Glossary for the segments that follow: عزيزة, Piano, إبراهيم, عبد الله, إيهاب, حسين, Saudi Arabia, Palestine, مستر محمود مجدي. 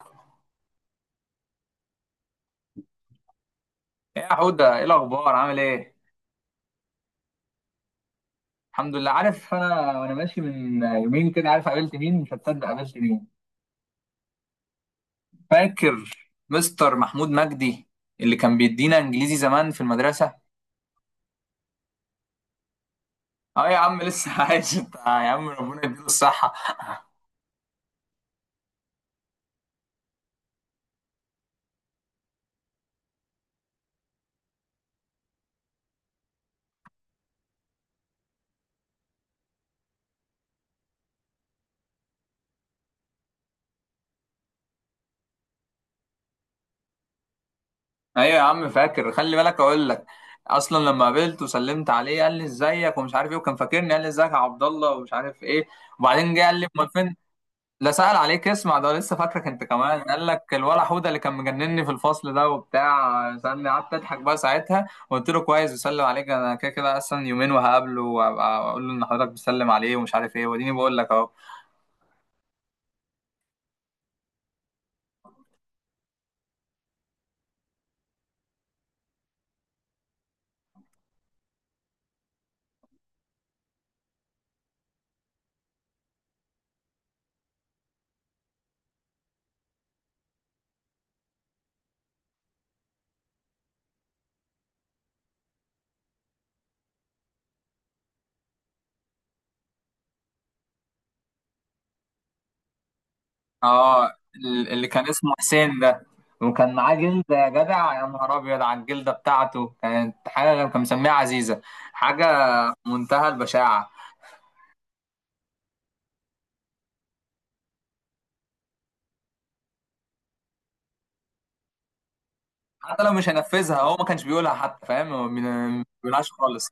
ايه، يا حودة، ايه الاخبار؟ عامل ايه؟ الحمد لله. عارف، انا وانا ماشي من يومين كده، عارف قابلت مين؟ مش هتصدق قابلت مين. فاكر مستر محمود مجدي اللي كان بيدينا انجليزي زمان في المدرسة؟ اه يا عم لسه عايش. انت يا عم، ربنا يديله الصحة. ايوه يا عم، فاكر، خلي بالك اقول لك. اصلا لما قابلت وسلمت عليه قال لي ازيك ومش عارف ايه، وكان فاكرني، قال لي ازيك يا عبد الله ومش عارف ايه. وبعدين جه قال لي امال فين. لا، سأل عليك. اسمع، ده لسه فاكرك انت كمان، قال لك الولا حوده اللي كان مجنني في الفصل ده وبتاع، سألني، قعدت اضحك بقى ساعتها وقلت له كويس، بسلم عليك، انا كده كده اصلا يومين وهقابله وابقى اقول له ان حضرتك بتسلم عليه ومش عارف ايه، واديني بقول لك اهو. اه، اللي كان اسمه حسين ده، وكان معاه جلده يا جدع. يا نهار ابيض على الجلده بتاعته، كانت حاجه كان مسميها عزيزه، حاجه منتهى البشاعه. حتى لو مش هنفذها هو ما كانش بيقولها حتى، فاهم؟ ما بيقولهاش خالص.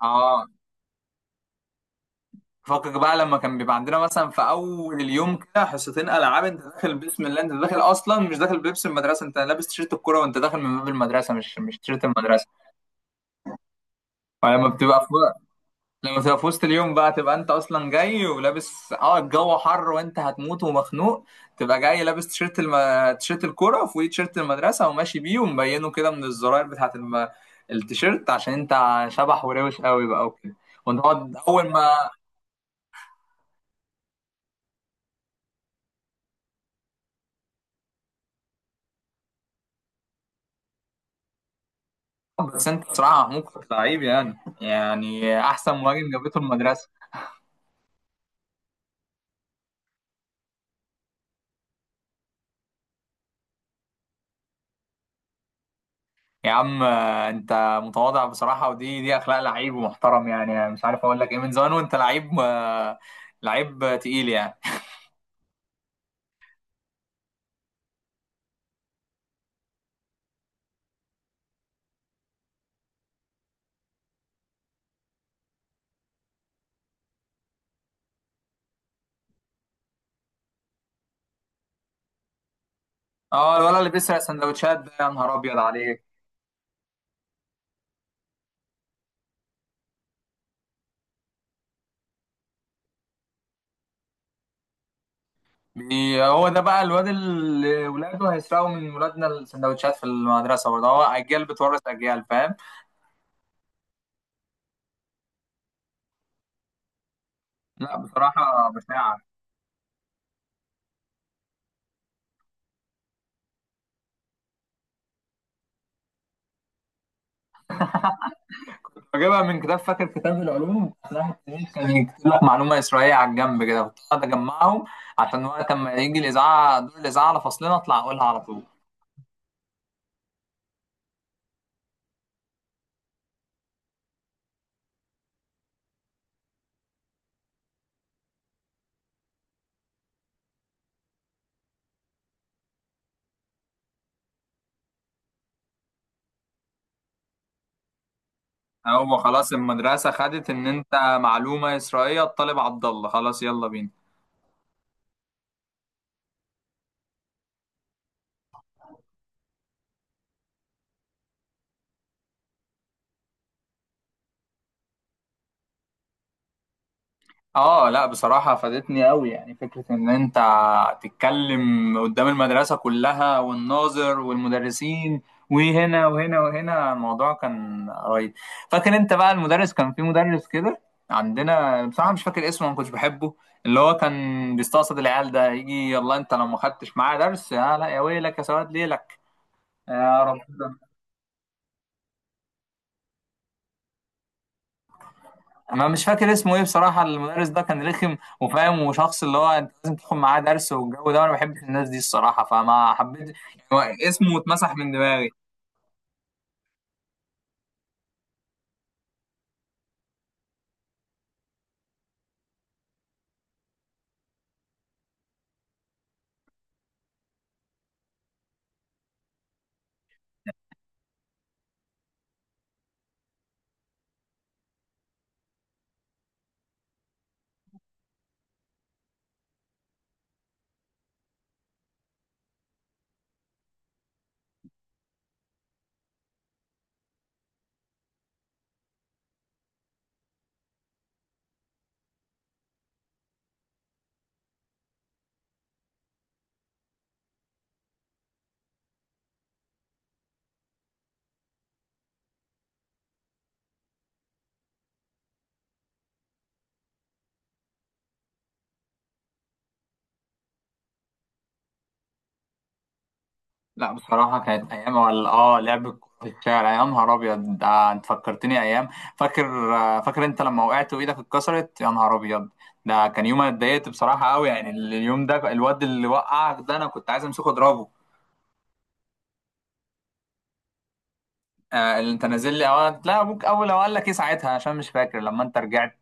اه، فكك بقى. لما كان بيبقى عندنا مثلا في اول اليوم كده حصتين العاب، انت داخل بسم الله، انت داخل اصلا مش داخل بلبس المدرسه، انت لابس تيشيرت الكوره وانت داخل من باب المدرسه، مش تيشيرت المدرسه. فلما بتبقى في لما بتبقى في وسط اليوم بقى، تبقى انت اصلا جاي ولابس، الجو حر وانت هتموت ومخنوق، تبقى جاي لابس تيشيرت الكوره وفوقيه تيشيرت المدرسه، وماشي بيه ومبينه كده من الزراير بتاعت التيشيرت عشان انت شبح وروش قوي بقى وكده، وانت تقعد اول ما. بس انت بصراحة، محمود، كنت لعيب يعني احسن مهاجم جابته المدرسة. يا عم، انت متواضع بصراحة، ودي دي اخلاق لعيب ومحترم، يعني مش عارف اقول لك ايه، من زمان وانت لعيب، لعيب تقيل يعني. اه، الولد اللي بيسرق سندوتشات ده، يا نهار ابيض عليك. هو ده بقى الواد اللي ولاده هيسرقوا من ولادنا السندوتشات في المدرسة برضه، هو اجيال بتورث اجيال، فاهم؟ لا بصراحة بشاعة. بجيبها من كتاب، فاكر كتاب العلوم، راح التاريخ كان يكتب لك معلومة إسرائيلية على الجنب كده، كنت أقعد أجمعهم عشان وقت ما يجي الإذاعة، دور الإذاعة على فصلنا، أطلع أقولها على طول. هو خلاص المدرسة خدت إن أنت معلومة إسرائيلية، الطالب عبد الله خلاص، يلا بينا. اه، لا بصراحة فادتني قوي. يعني فكرة ان انت تتكلم قدام المدرسة كلها، والناظر والمدرسين، وهنا وهنا وهنا، الموضوع كان رهيب. فاكر انت بقى المدرس؟ كان في مدرس كده عندنا، بصراحة مش فاكر اسمه، ما كنتش بحبه، اللي هو كان بيستقصد العيال ده، يجي يلا انت لو ما خدتش معاه درس، يا لا يا ويلك يا سواد ليلك. يا رب. ما مش فاكر اسمه ايه بصراحة، المدرس ده كان رخم وفاهم وشخص اللي هو انت لازم تاخد معاه درس، والجو ده، وانا ما بحبش الناس دي الصراحة، فما حبيت يعني، اسمه اتمسح من دماغي. لا بصراحة كانت ايام، ولا لعب الكورة في الشارع يا نهار ابيض. ده انت فكرتني ايام. فاكر انت لما وقعت وايدك اتكسرت يا نهار ابيض. ده كان يوم انا اتضايقت بصراحة قوي، يعني اليوم ده الواد اللي وقعك ده انا كنت عايز امسكه اضربه. اللي انت نازل لي لا، ابوك اول لو قال لك ايه ساعتها، عشان مش فاكر لما انت رجعت.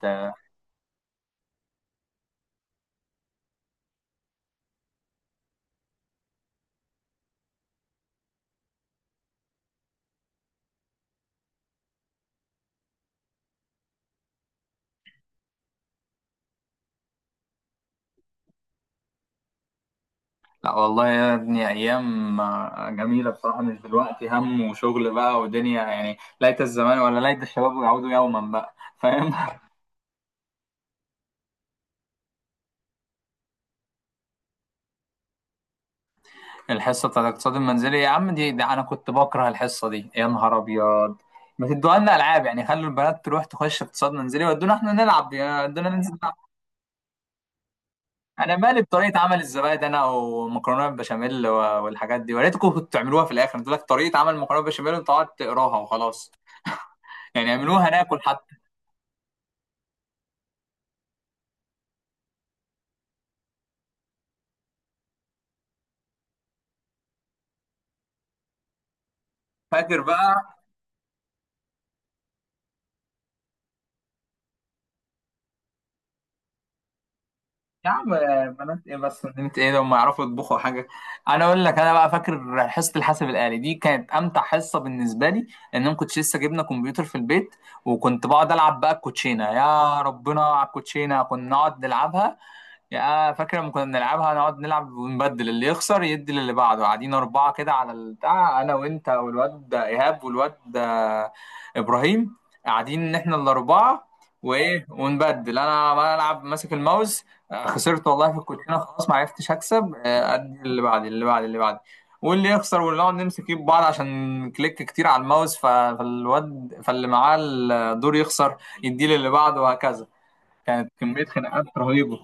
لا والله يا ابني، ايام جميله بصراحه، مش دلوقتي هم وشغل بقى ودنيا، يعني ليت الزمان ولا ليت الشباب يعودوا يوما بقى، فاهم؟ الحصه بتاعت الاقتصاد المنزلي يا عم، دي انا كنت بكره الحصه دي يا نهار ابيض. ما تدوها لنا العاب، يعني خلوا البنات تروح تخش اقتصاد منزلي ودونا احنا نلعب، ودونا ننزل نلعب. انا مالي بطريقه عمل الزبادي انا ومكرونه بالبشاميل والحاجات دي، وريتكم كنتوا تعملوها في الاخر؟ تقول لك طريقه عمل مكرونه بالبشاميل وانت تقعد تقراها وخلاص، يعني اعملوها ناكل حتى. فاكر بقى. يا عم، بنات ايه بس، بنات ايه لما يعرفوا يطبخوا حاجه. انا اقول لك انا بقى، فاكر حصه الحاسب الالي دي، كانت امتع حصه بالنسبه لي. ان انا كنت لسه جبنا كمبيوتر في البيت، وكنت بقعد العب بقى الكوتشينه، يا ربنا على الكوتشينه كنا نقعد نلعبها. يا فاكر لما كنا بنلعبها، نقعد نلعب ونبدل اللي يخسر يدي للي بعده، قاعدين أربعة كده على البتاع، أنا وأنت والواد ده إيهاب والواد ده إبراهيم، قاعدين إن إحنا الأربعة. وإيه، ونبدل أنا ما ألعب ماسك الماوس، خسرت والله في الكوتشينة، خلاص ما عرفتش أكسب، أدي اللي بعدي اللي بعدي اللي بعدي، واللي يخسر، واللي نقعد نمسك ايد بعض عشان كليك كتير على الماوس، ف- فالواد فاللي معاه الدور يخسر يديه للي بعده وهكذا. كانت كمية خناقات رهيبة.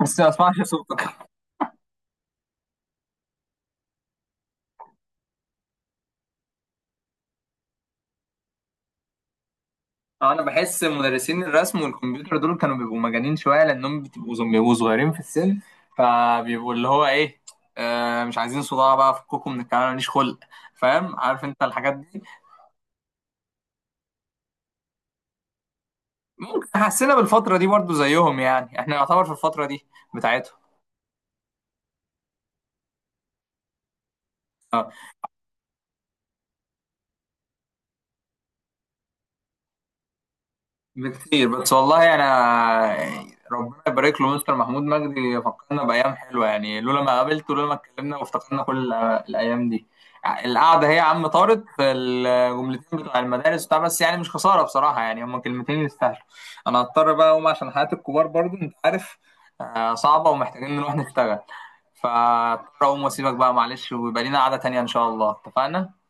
بس ما اسمعش صوتك. انا بحس مدرسين الرسم والكمبيوتر دول كانوا بيبقوا مجانين شويه، لانهم بيبقوا صغيرين في السن، فبيبقوا اللي هو ايه، مش عايزين صداع بقى، فكوكوا من الكلام، ماليش خلق، فاهم؟ عارف انت الحاجات دي. ممكن حسينا بالفتره دي برضو زيهم، يعني احنا نعتبر في الفتره دي بتاعتهم. بكتير. بس والله انا، ربنا يبارك له مستر محمود مجدي فكرنا بايام حلوه. يعني لولا ما قابلته، لولا ما اتكلمنا وافتكرنا كل الايام دي. القعده هي يا عم طارت في الجملتين بتوع المدارس بتاع، بس يعني مش خساره بصراحه، يعني هما كلمتين يستاهلوا. انا هضطر بقى اقوم عشان حياه الكبار برضو انت عارف، صعبه، ومحتاجين نروح نشتغل. فاضطر اقوم واسيبك بقى معلش، ويبقى لينا قعده تانيه ان شاء الله. اتفقنا؟